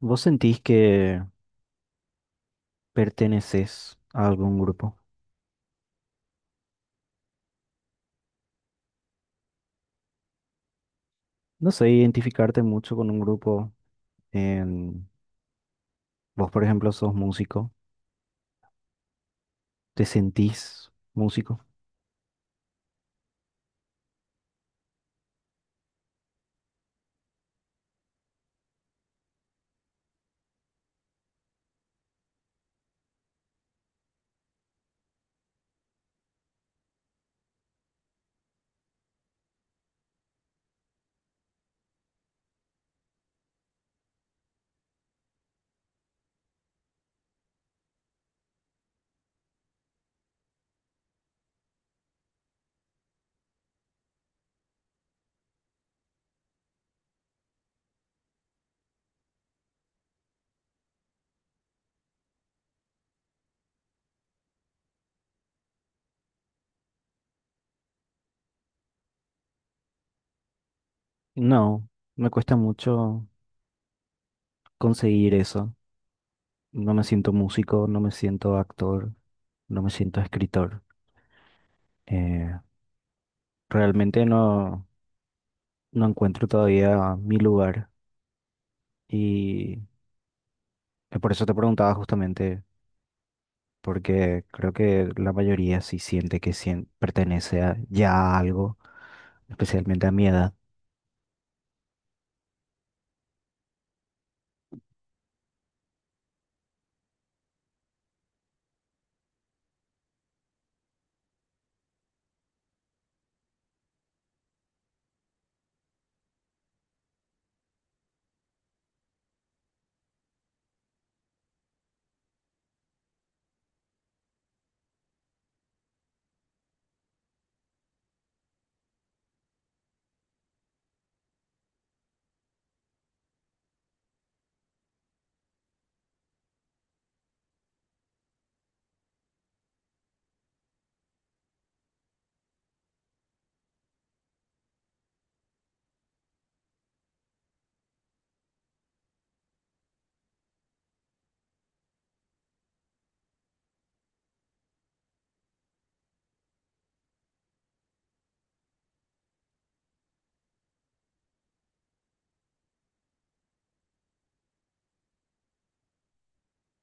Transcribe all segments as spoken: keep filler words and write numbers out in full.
¿Vos sentís que perteneces a algún grupo? No sé, identificarte mucho con un grupo. en- Vos, por ejemplo, sos músico. ¿Te sentís músico? No, me cuesta mucho conseguir eso. No me siento músico, no me siento actor, no me siento escritor. Eh, realmente no, no encuentro todavía mi lugar y eh, por eso te preguntaba justamente porque creo que la mayoría sí siente que sien- pertenece a, ya a algo, especialmente a mi edad.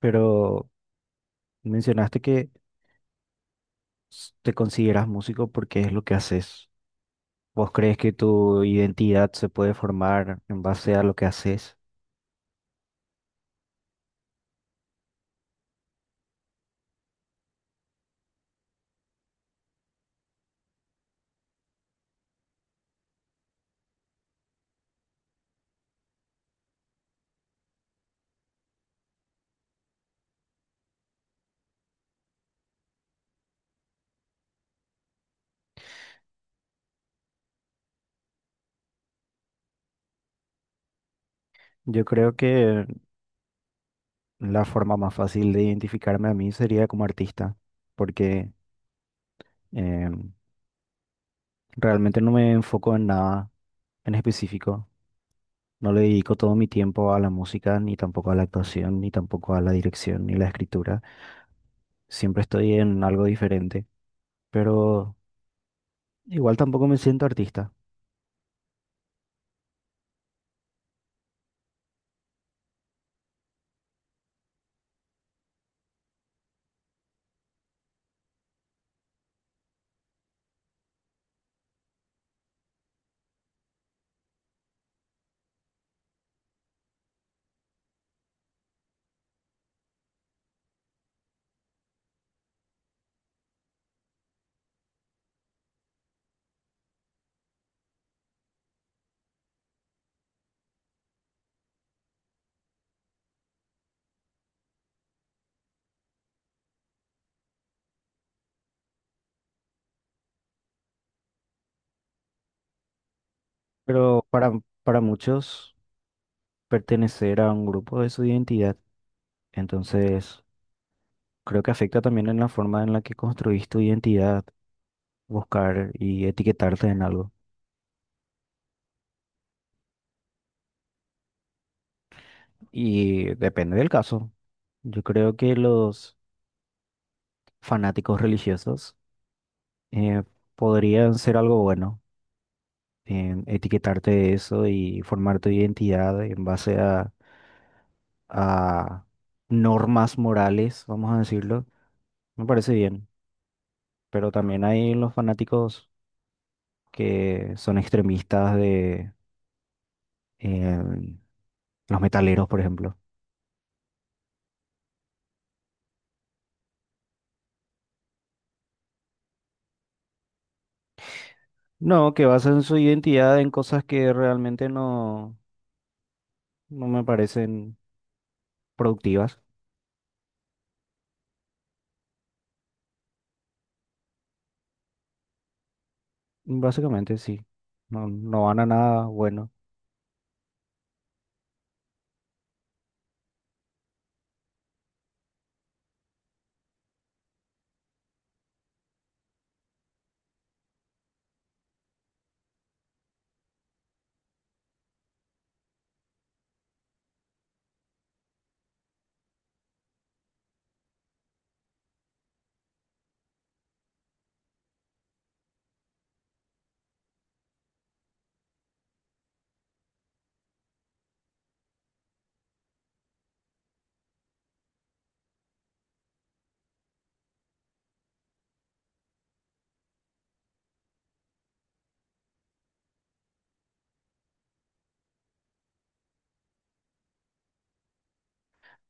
Pero mencionaste que s- te consideras músico porque es lo que haces. ¿Vos crees que tu identidad se puede formar en base a lo que haces? Yo creo que la forma más fácil de identificarme a mí sería como artista, porque em, realmente no me enfoco en nada en específico. No le dedico todo mi tiempo a la música, ni tampoco a la actuación, ni tampoco a la dirección, ni la escritura. Siempre estoy en algo diferente, pero igual tampoco me siento artista. Pero para, para muchos, pertenecer a un grupo es su identidad. Entonces, creo que afecta también en la forma en la que construís tu identidad, buscar y etiquetarte en algo. Y depende del caso. Yo creo que los fanáticos religiosos eh, podrían ser algo bueno en etiquetarte de eso y formar tu identidad en base a, a normas morales, vamos a decirlo, me parece bien. Pero también hay los fanáticos que son extremistas de eh, los metaleros, por ejemplo. No, que basan su identidad en cosas que realmente no, no me parecen productivas. Básicamente, sí. No, no van a nada bueno.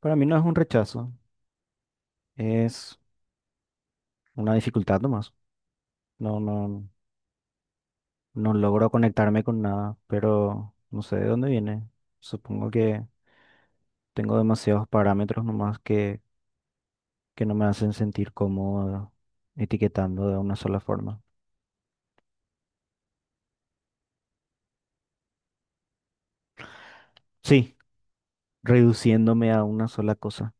Para mí no es un rechazo, es una dificultad nomás. No, no. No logro conectarme con nada, pero no sé de dónde viene. Supongo que tengo demasiados parámetros nomás que, que no me hacen sentir cómodo etiquetando de una sola forma. Sí, reduciéndome a una sola cosa.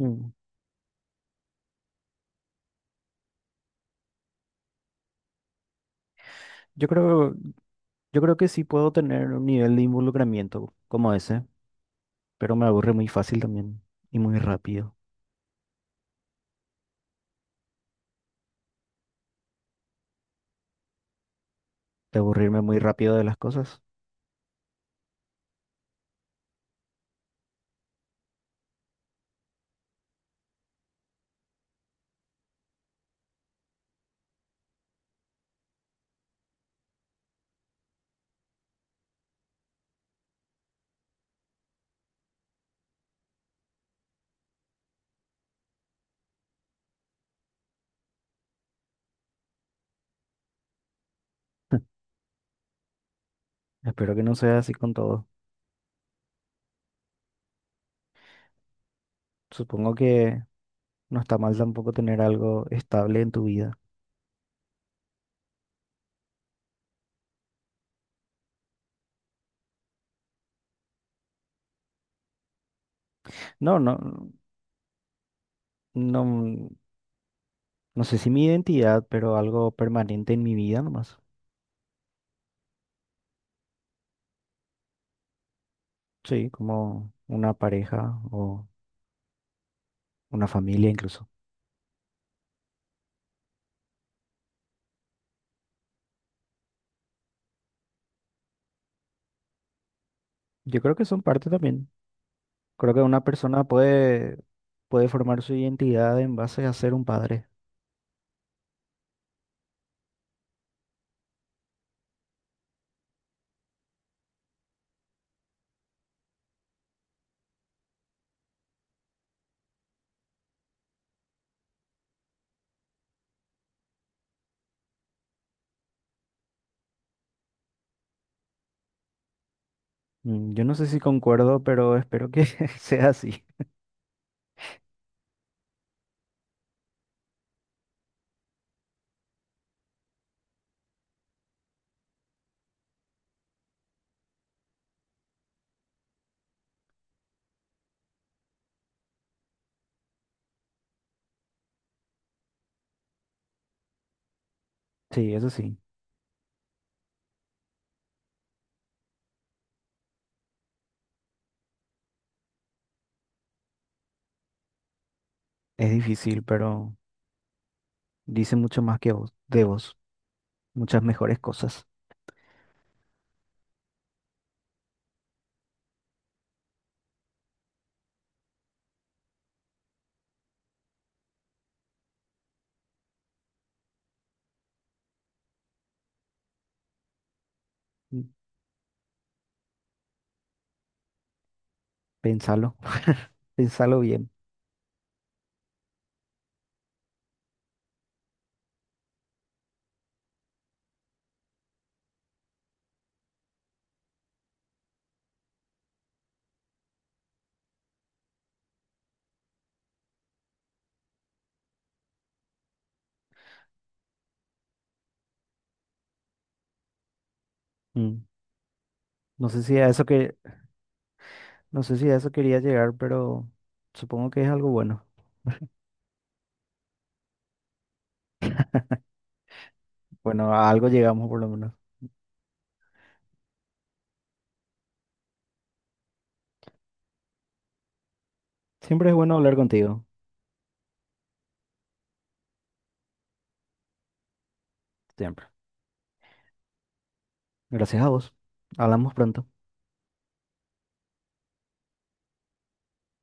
Mm. Yo creo, yo creo que sí puedo tener un nivel de involucramiento como ese, pero me aburre muy fácil también y muy rápido. De aburrirme muy rápido de las cosas. Espero que no sea así con todo. Supongo que no está mal tampoco tener algo estable en tu vida. No, no, no, no sé si mi identidad, pero algo permanente en mi vida nomás. Sí, como una pareja o una familia incluso. Yo creo que son parte también. Creo que una persona puede, puede formar su identidad en base a ser un padre. Mm. Yo no sé si concuerdo, pero espero que sea así. Sí, eso sí. Es difícil, pero dice mucho más que vos, de vos. Muchas mejores cosas. Mm. Pensalo. Pensalo bien. Mm. No sé si a eso que No sé si a eso quería llegar, pero supongo que es algo bueno. Bueno, a algo llegamos por lo menos. Siempre es bueno hablar contigo, siempre. Gracias a vos. Hablamos pronto.